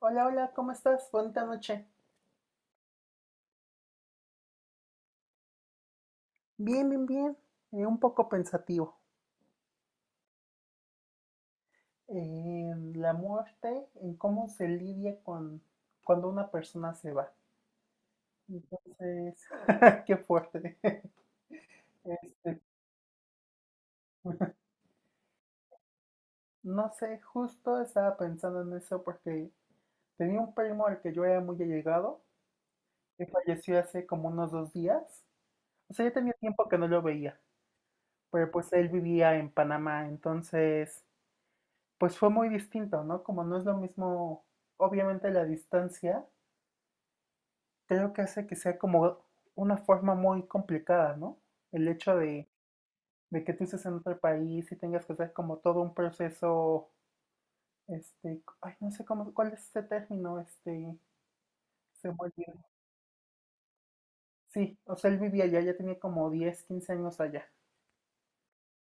Hola, hola, ¿cómo estás? Bonita noche. Bien, bien, bien. Un poco pensativo. En la muerte, en cómo se lidia con cuando una persona se va. Entonces, qué fuerte. Este, no sé, justo estaba pensando en eso porque tenía un primo al que yo era muy allegado, que falleció hace como unos 2 días. O sea, ya tenía tiempo que no lo veía, pero pues él vivía en Panamá, entonces pues fue muy distinto, ¿no? Como no es lo mismo, obviamente la distancia, creo que hace que sea como una forma muy complicada, ¿no? El hecho de que tú estés en otro país y tengas que hacer como todo un proceso, ay, no sé cómo, cuál es ese término, se me olvidó. Sí, o sea, él vivía allá, ya tenía como 10, 15 años allá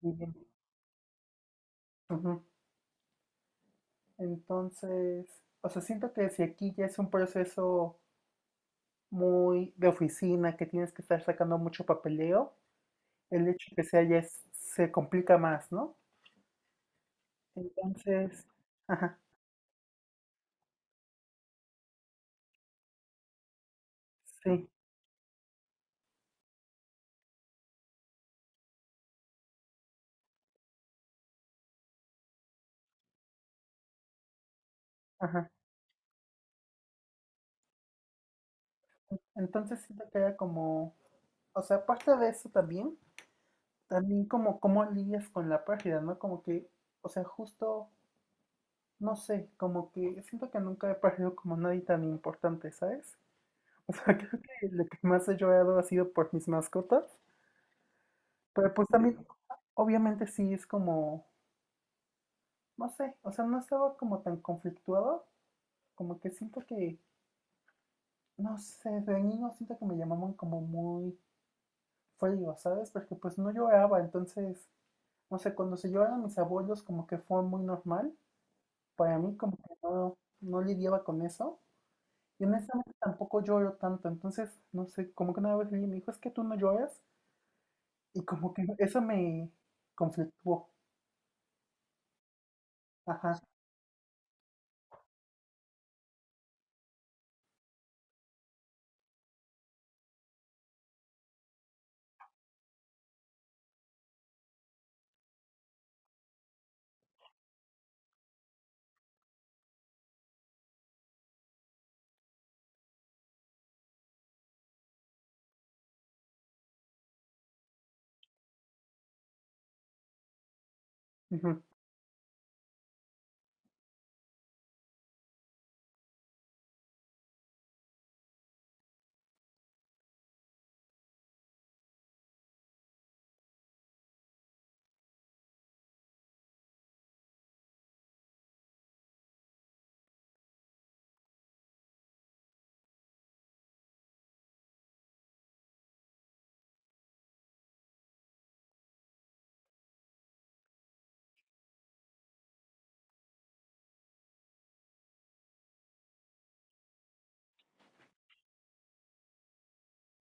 viviendo. Ujú. Entonces, o sea, siento que si aquí ya es un proceso muy de oficina, que tienes que estar sacando mucho papeleo, el hecho que sea ya se complica más, ¿no? Entonces, ajá, sí, ajá. Entonces siento que era como, o sea, aparte de eso también, también como cómo lidias con la pérdida, ¿no? Como que, o sea, justo, no sé, como que siento que nunca he perdido como nadie tan importante, ¿sabes? O sea, creo que lo que más he llorado ha sido por mis mascotas, pero pues también, obviamente sí es como, no sé, o sea, no estaba como tan conflictuado, como que siento que no sé, de niño siento que me llamaban como muy frío, ¿sabes? Porque pues no lloraba, entonces, no sé, cuando se lloraron mis abuelos como que fue muy normal, para mí como que no lidiaba con eso, y honestamente tampoco lloro tanto, entonces, no sé, como que una vez alguien me dijo, es que tú no lloras, y como que eso me conflictuó, ajá, ujú,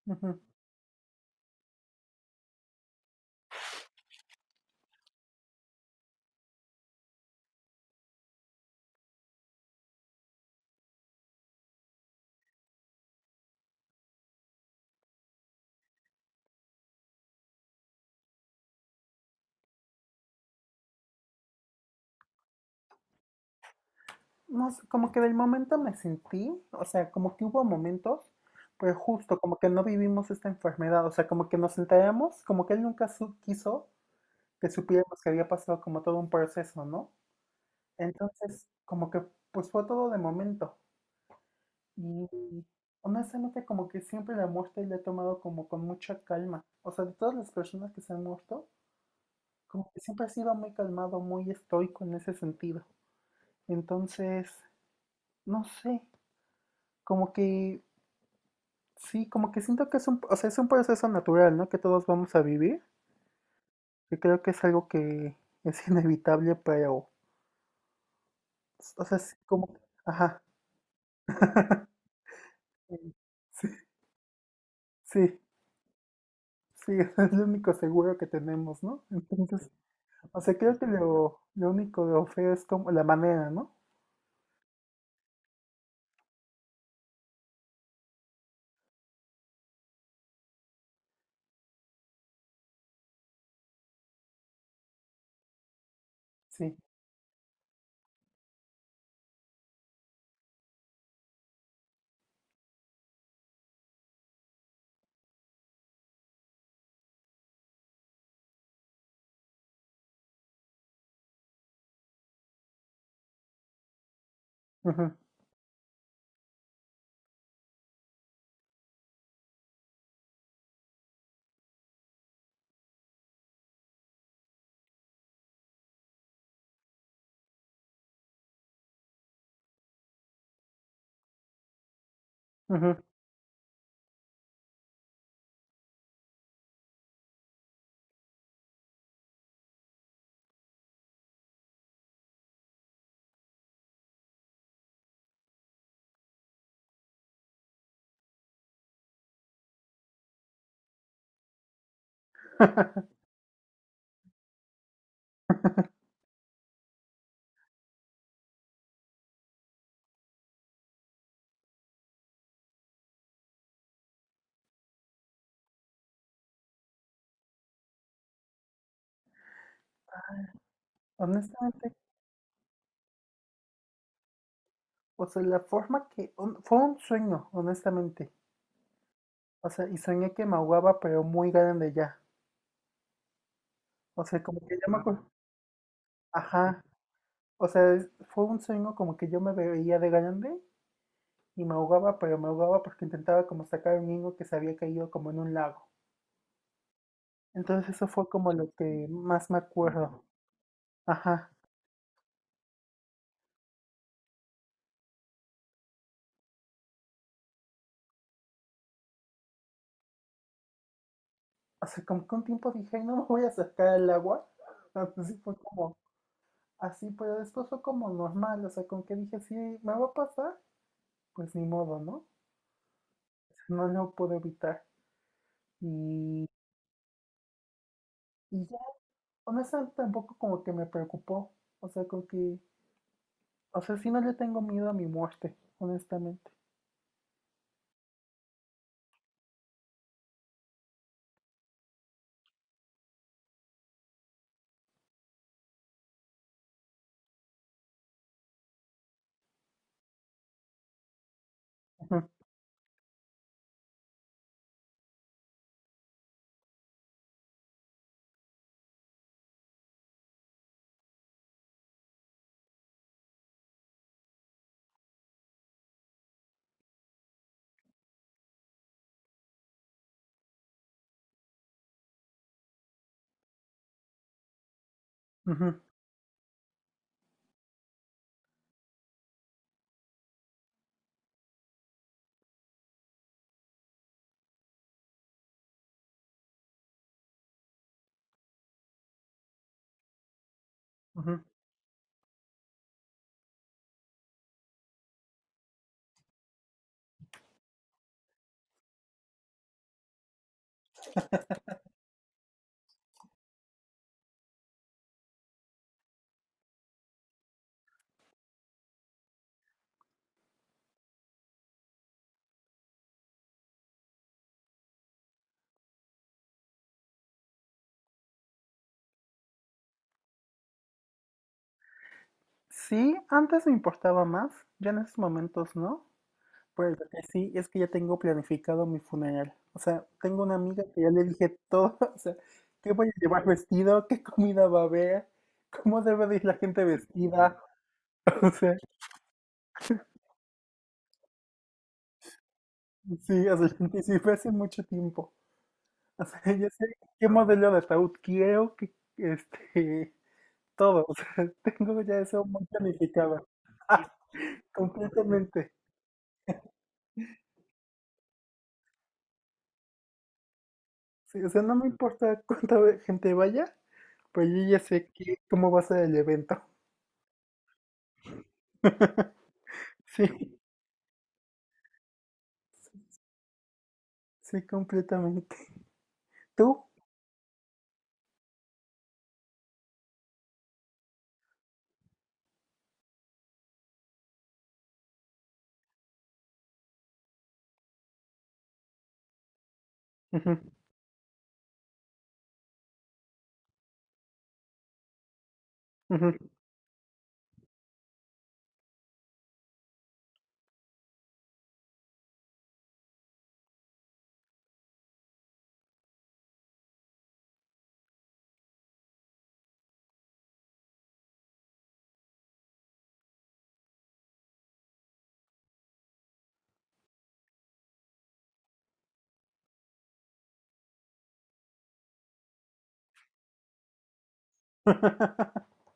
ujú. No sé, como que del momento me sentí, o sea, como que hubo momentos, pero justo como que no vivimos esta enfermedad, o sea, como que nos enteramos, como que él nunca quiso que supiéramos que había pasado como todo un proceso, ¿no? Entonces, como que pues fue todo de momento. Y honestamente como que siempre la muerte la he tomado como con mucha calma. O sea, de todas las personas que se han muerto, como que siempre he sido muy calmado, muy estoico en ese sentido. Entonces, no sé, como que sí, como que siento que es un, o sea, es un proceso natural, ¿no? Que todos vamos a vivir. Yo creo que es algo que es inevitable, pero, o sea, sí, como, ajá. Sí, sí, sí, es lo único seguro que tenemos, ¿no? Entonces, o sea, creo que lo único de feo es como la manera, ¿no? Sí. Ujú, ujú. Honestamente, o sea, la forma que, fue un sueño, honestamente. O sea, y soñé que me ahogaba, pero muy grande ya. O sea, como que ya me acuerdo. Ajá. O sea, fue un sueño como que yo me veía de grande y me ahogaba, pero me ahogaba porque intentaba como sacar a un niño que se había caído como en un lago. Entonces eso fue como lo que más me acuerdo. Ajá. O sea, como que un tiempo dije, "Ay, no me voy a sacar al agua". Así fue como, así, pero después fue como normal. O sea, como que dije, sí, me va a pasar, pues ni modo, ¿no? O sea, no lo puedo evitar. Y, y ya, honestamente tampoco como que me preocupó. O sea, como que o sea, sí no le tengo miedo a mi muerte, honestamente. Ujú, ujú, ujú. Sí, antes me importaba más, ya en estos momentos no. Pero lo que sí es que ya tengo planificado mi funeral. O sea, tengo una amiga que ya le dije todo. O sea, qué voy a llevar vestido, qué comida va a haber, cómo debe de ir la gente vestida. O sea, sí, o sea, lo anticipé hace mucho tiempo. O sea, ya sé qué modelo de ataúd quiero, qué, todo, o sea, tengo ya eso muy planificado. Completamente. Sí, o sea, no me importa cuánta gente vaya, pues yo ya sé que, cómo va a ser el evento. Sí, sí, completamente. ¿Tú? Ujú, ujú.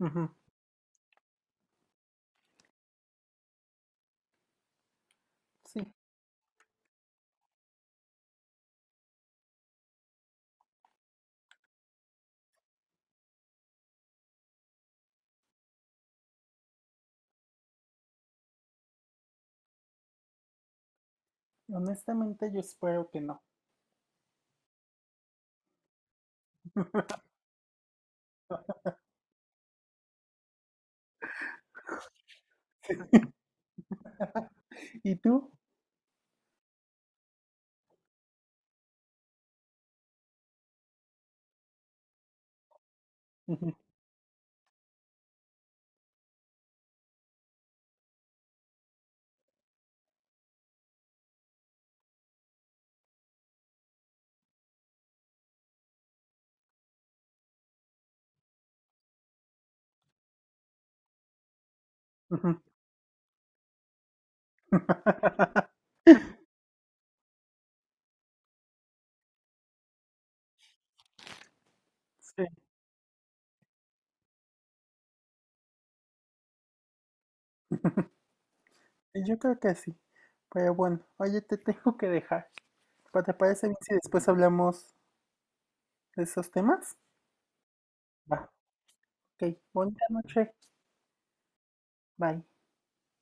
Ujú, sí, honestamente yo espero que no. ¿Y tú? Ujú, ujú. Sí, yo creo que sí. Pero bueno, oye, te tengo que dejar. ¿Te parece bien si después hablamos de esos temas? Va. Ok, bonita noche. Bye.